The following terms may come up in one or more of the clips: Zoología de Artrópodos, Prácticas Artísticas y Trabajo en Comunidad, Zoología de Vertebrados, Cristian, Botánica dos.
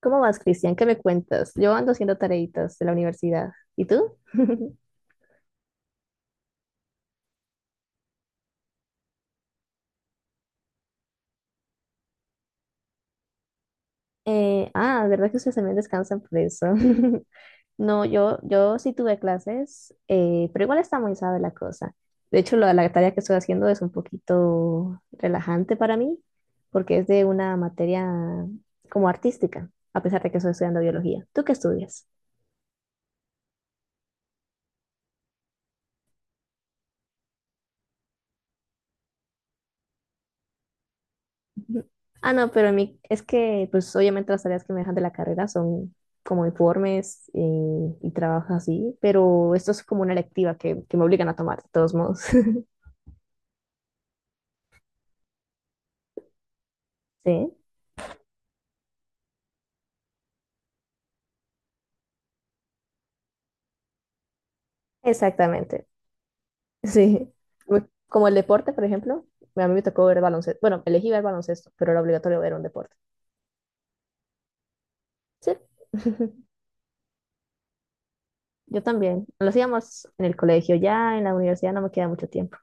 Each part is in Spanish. ¿Cómo vas, Cristian? ¿Qué me cuentas? Yo ando haciendo tareitas de la universidad. ¿Y tú? ¿Verdad que ustedes también descansan por eso? No, yo sí tuve clases, pero igual está muy sabe la cosa. De hecho, la tarea que estoy haciendo es un poquito relajante para mí, porque es de una materia como artística, a pesar de que estoy estudiando biología. ¿Tú qué estudias? Ujú. Ah, no, pero es que, pues obviamente las tareas que me dejan de la carrera son como informes y, trabajos así, pero esto es como una electiva que me obligan a tomar, de todos modos. Sí, exactamente. Sí. Como el deporte, por ejemplo, a mí me tocó ver baloncesto. Bueno, elegí ver baloncesto, pero era obligatorio ver un deporte. Sí. Yo también. Lo hacíamos en el colegio, ya en la universidad no me queda mucho tiempo.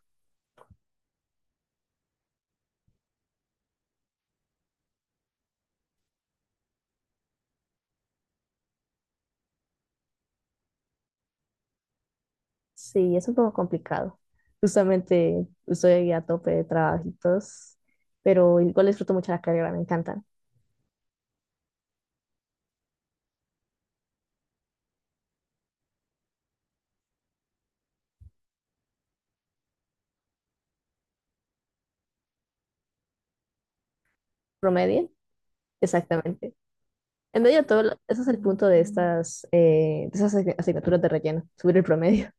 Sí, es un poco complicado. Justamente estoy a tope de trabajitos, pero igual disfruto mucho la carrera, me encantan. ¿Promedio? Exactamente. En medio de todo, ese es el punto de estas, de esas asignaturas de relleno, subir el promedio.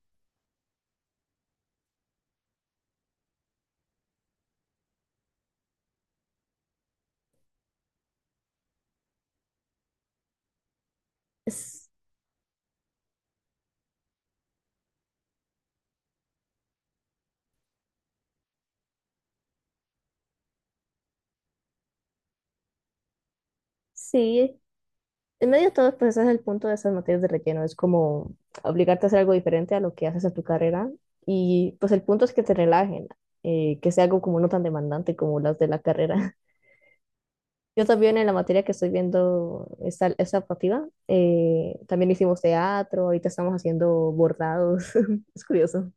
Es- sí, en medio de todo, pues ese es el punto de esas materias de relleno, es como obligarte a hacer algo diferente a lo que haces en tu carrera y pues el punto es que te relajen, que sea algo como no tan demandante como las de la carrera. Yo también en la materia que estoy viendo esta optativa, también hicimos teatro, ahorita estamos haciendo bordados, es curioso.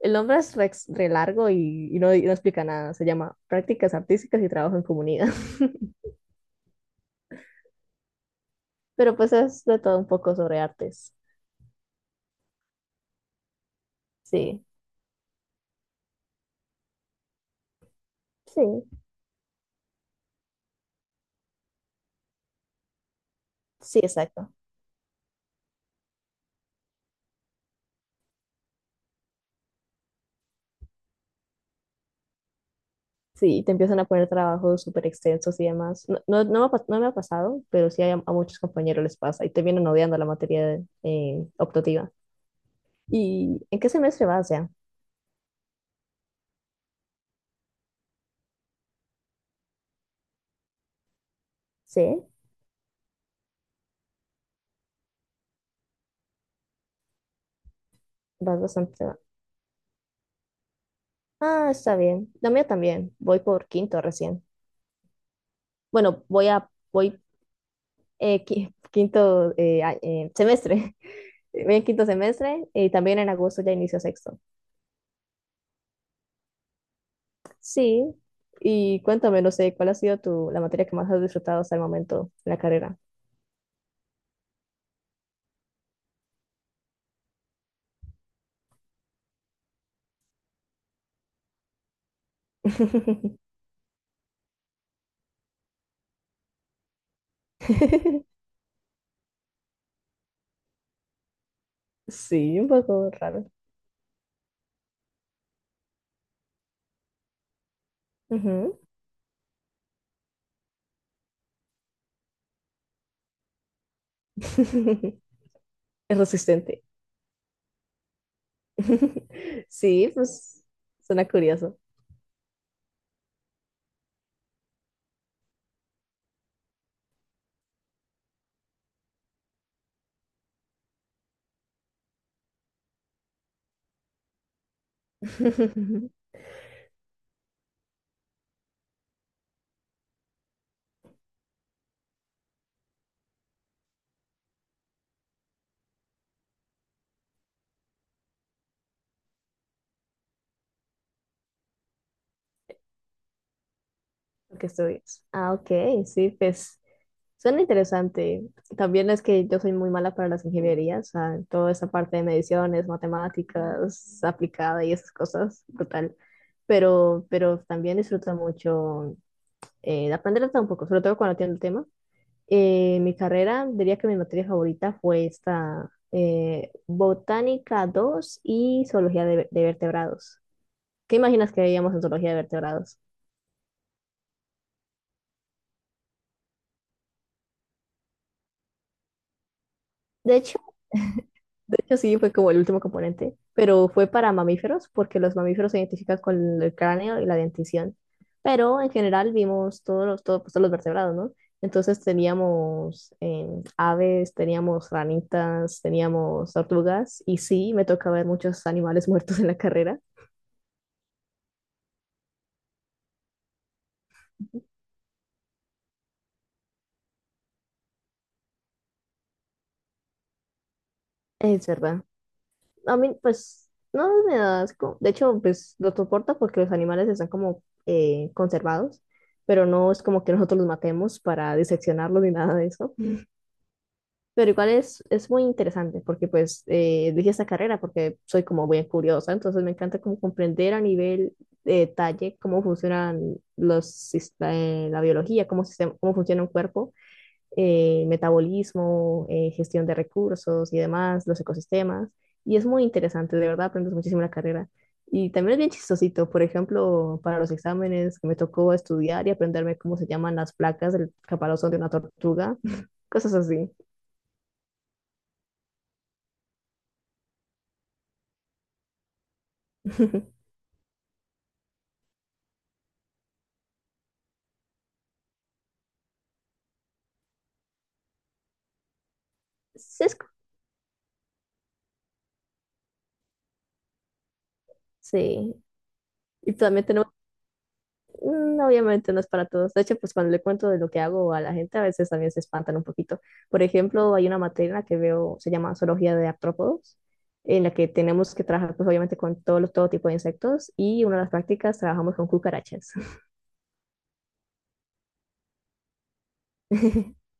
El nombre es re largo y no explica nada, se llama Prácticas Artísticas y Trabajo en Comunidad, pero pues es de todo un poco sobre artes, sí, sí, sí, exacto. Sí, y te empiezan a poner trabajos súper extensos y demás. No me ha pasado, pero sí a muchos compañeros les pasa y te vienen odiando la materia optativa. ¿Y en qué semestre vas ya? Sí, vas bastante. Ah, está bien. La mía también. Voy por quinto recién. Bueno, voy quinto semestre. Voy en quinto semestre y también en agosto ya inicio sexto. Sí. Y cuéntame, no sé, ¿cuál ha sido la materia que más has disfrutado hasta el momento en la carrera? Sí, un poco raro. Ujú. Es resistente. Sí, pues suena curioso. Lo que estudias. Ah, ok, sí, pues suena interesante. También es que yo soy muy mala para las ingenierías, o sea, toda esa parte de mediciones, matemáticas aplicada y esas cosas, brutal. Pero también disfruto mucho de aprender de todo un poco, sobre todo cuando tiene el tema. Mi carrera, diría que mi materia favorita fue esta Botánica dos y Zoología de Vertebrados. ¿Qué imaginas que veíamos en Zoología de Vertebrados? De hecho, de hecho, sí fue como el último componente, pero fue para mamíferos porque los mamíferos se identifican con el cráneo y la dentición. Pero en general vimos pues, todos los vertebrados, ¿no? Entonces teníamos aves, teníamos ranitas, teníamos tortugas y sí, me toca ver muchos animales muertos en la carrera. Es verdad. A mí, pues, no me da asco. De hecho, pues lo soporta porque los animales están como conservados, pero no es como que nosotros los matemos para diseccionarlos ni nada de eso. Pero igual es muy interesante porque, pues, elegí esta carrera porque soy como muy curiosa, entonces me encanta como comprender a nivel de detalle cómo funcionan la biología, cómo funciona un cuerpo metabolismo, gestión de recursos y demás, los ecosistemas. Y es muy interesante, de verdad, aprendes muchísimo la carrera. Y también es bien chistosito, por ejemplo, para los exámenes que me tocó estudiar y aprenderme cómo se llaman las placas del caparazón de una tortuga, cosas así. Sesco, sí. Y también tenemos mm, obviamente no es para todos. De hecho, pues cuando le cuento de lo que hago a la gente, a veces también se espantan un poquito. Por ejemplo, hay una materia en la que veo, se llama Zoología de Artrópodos, en la que tenemos que trabajar, pues obviamente, con todo tipo de insectos y una de las prácticas trabajamos con cucarachas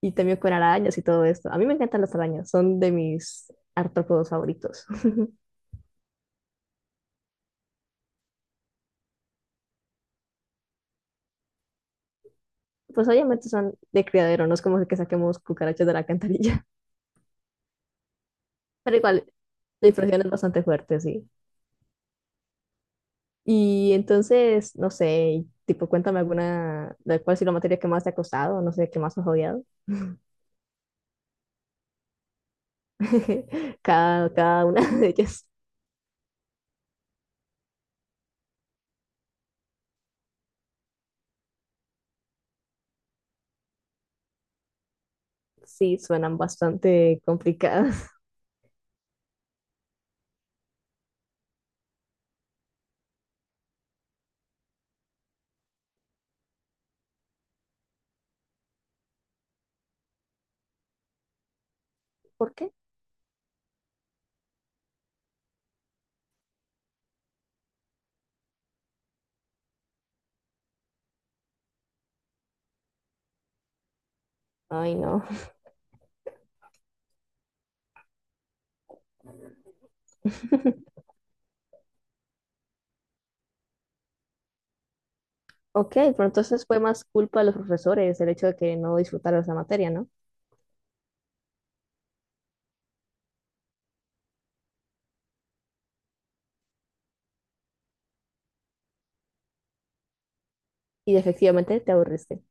y también con arañas y todo esto. A mí me encantan las arañas, son de mis artrópodos favoritos. Pues obviamente son de criadero, no es como que saquemos cucarachas de la alcantarilla, pero igual, la impresión es bastante fuerte, sí. Y entonces, no sé, tipo, cuéntame alguna, de cuál ha sido la materia que más te ha costado, no sé, que más has odiado. Cada una de ellas sí suenan bastante complicadas. ¿Por qué? Ay, no. Ok, pero entonces fue más culpa de los profesores el hecho de que no disfrutaras la materia, ¿no? Y efectivamente te aburriste.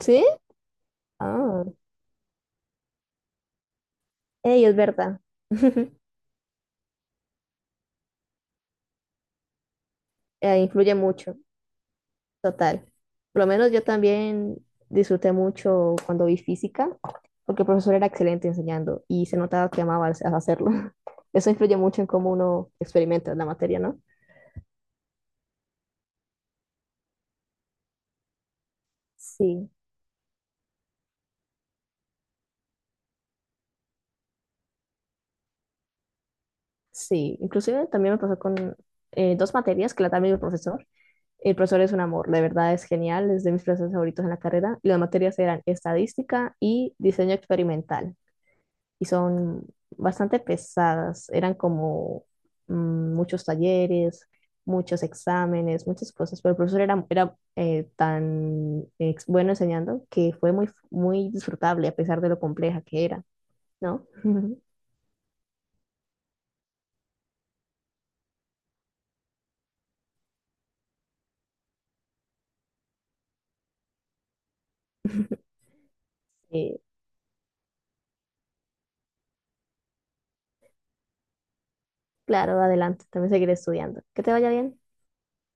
¿Sí? Ah, ey, es verdad. Influye mucho. Total. Por lo menos yo también disfruté mucho cuando vi física, porque el profesor era excelente enseñando y se notaba que amaba hacerlo. Eso influye mucho en cómo uno experimenta la materia, ¿no? Sí, sí. Inclusive también me pasó con dos materias que la también el profesor. El profesor es un amor, de verdad es genial, es de mis profesores favoritos en la carrera. Y las materias eran estadística y diseño experimental. Y son bastante pesadas. Eran como mm, muchos talleres, muchos exámenes, muchas cosas, pero el profesor era bueno enseñando que fue muy disfrutable a pesar de lo compleja que era, ¿no? Eh, claro, adelante, también seguiré estudiando. Que te vaya bien.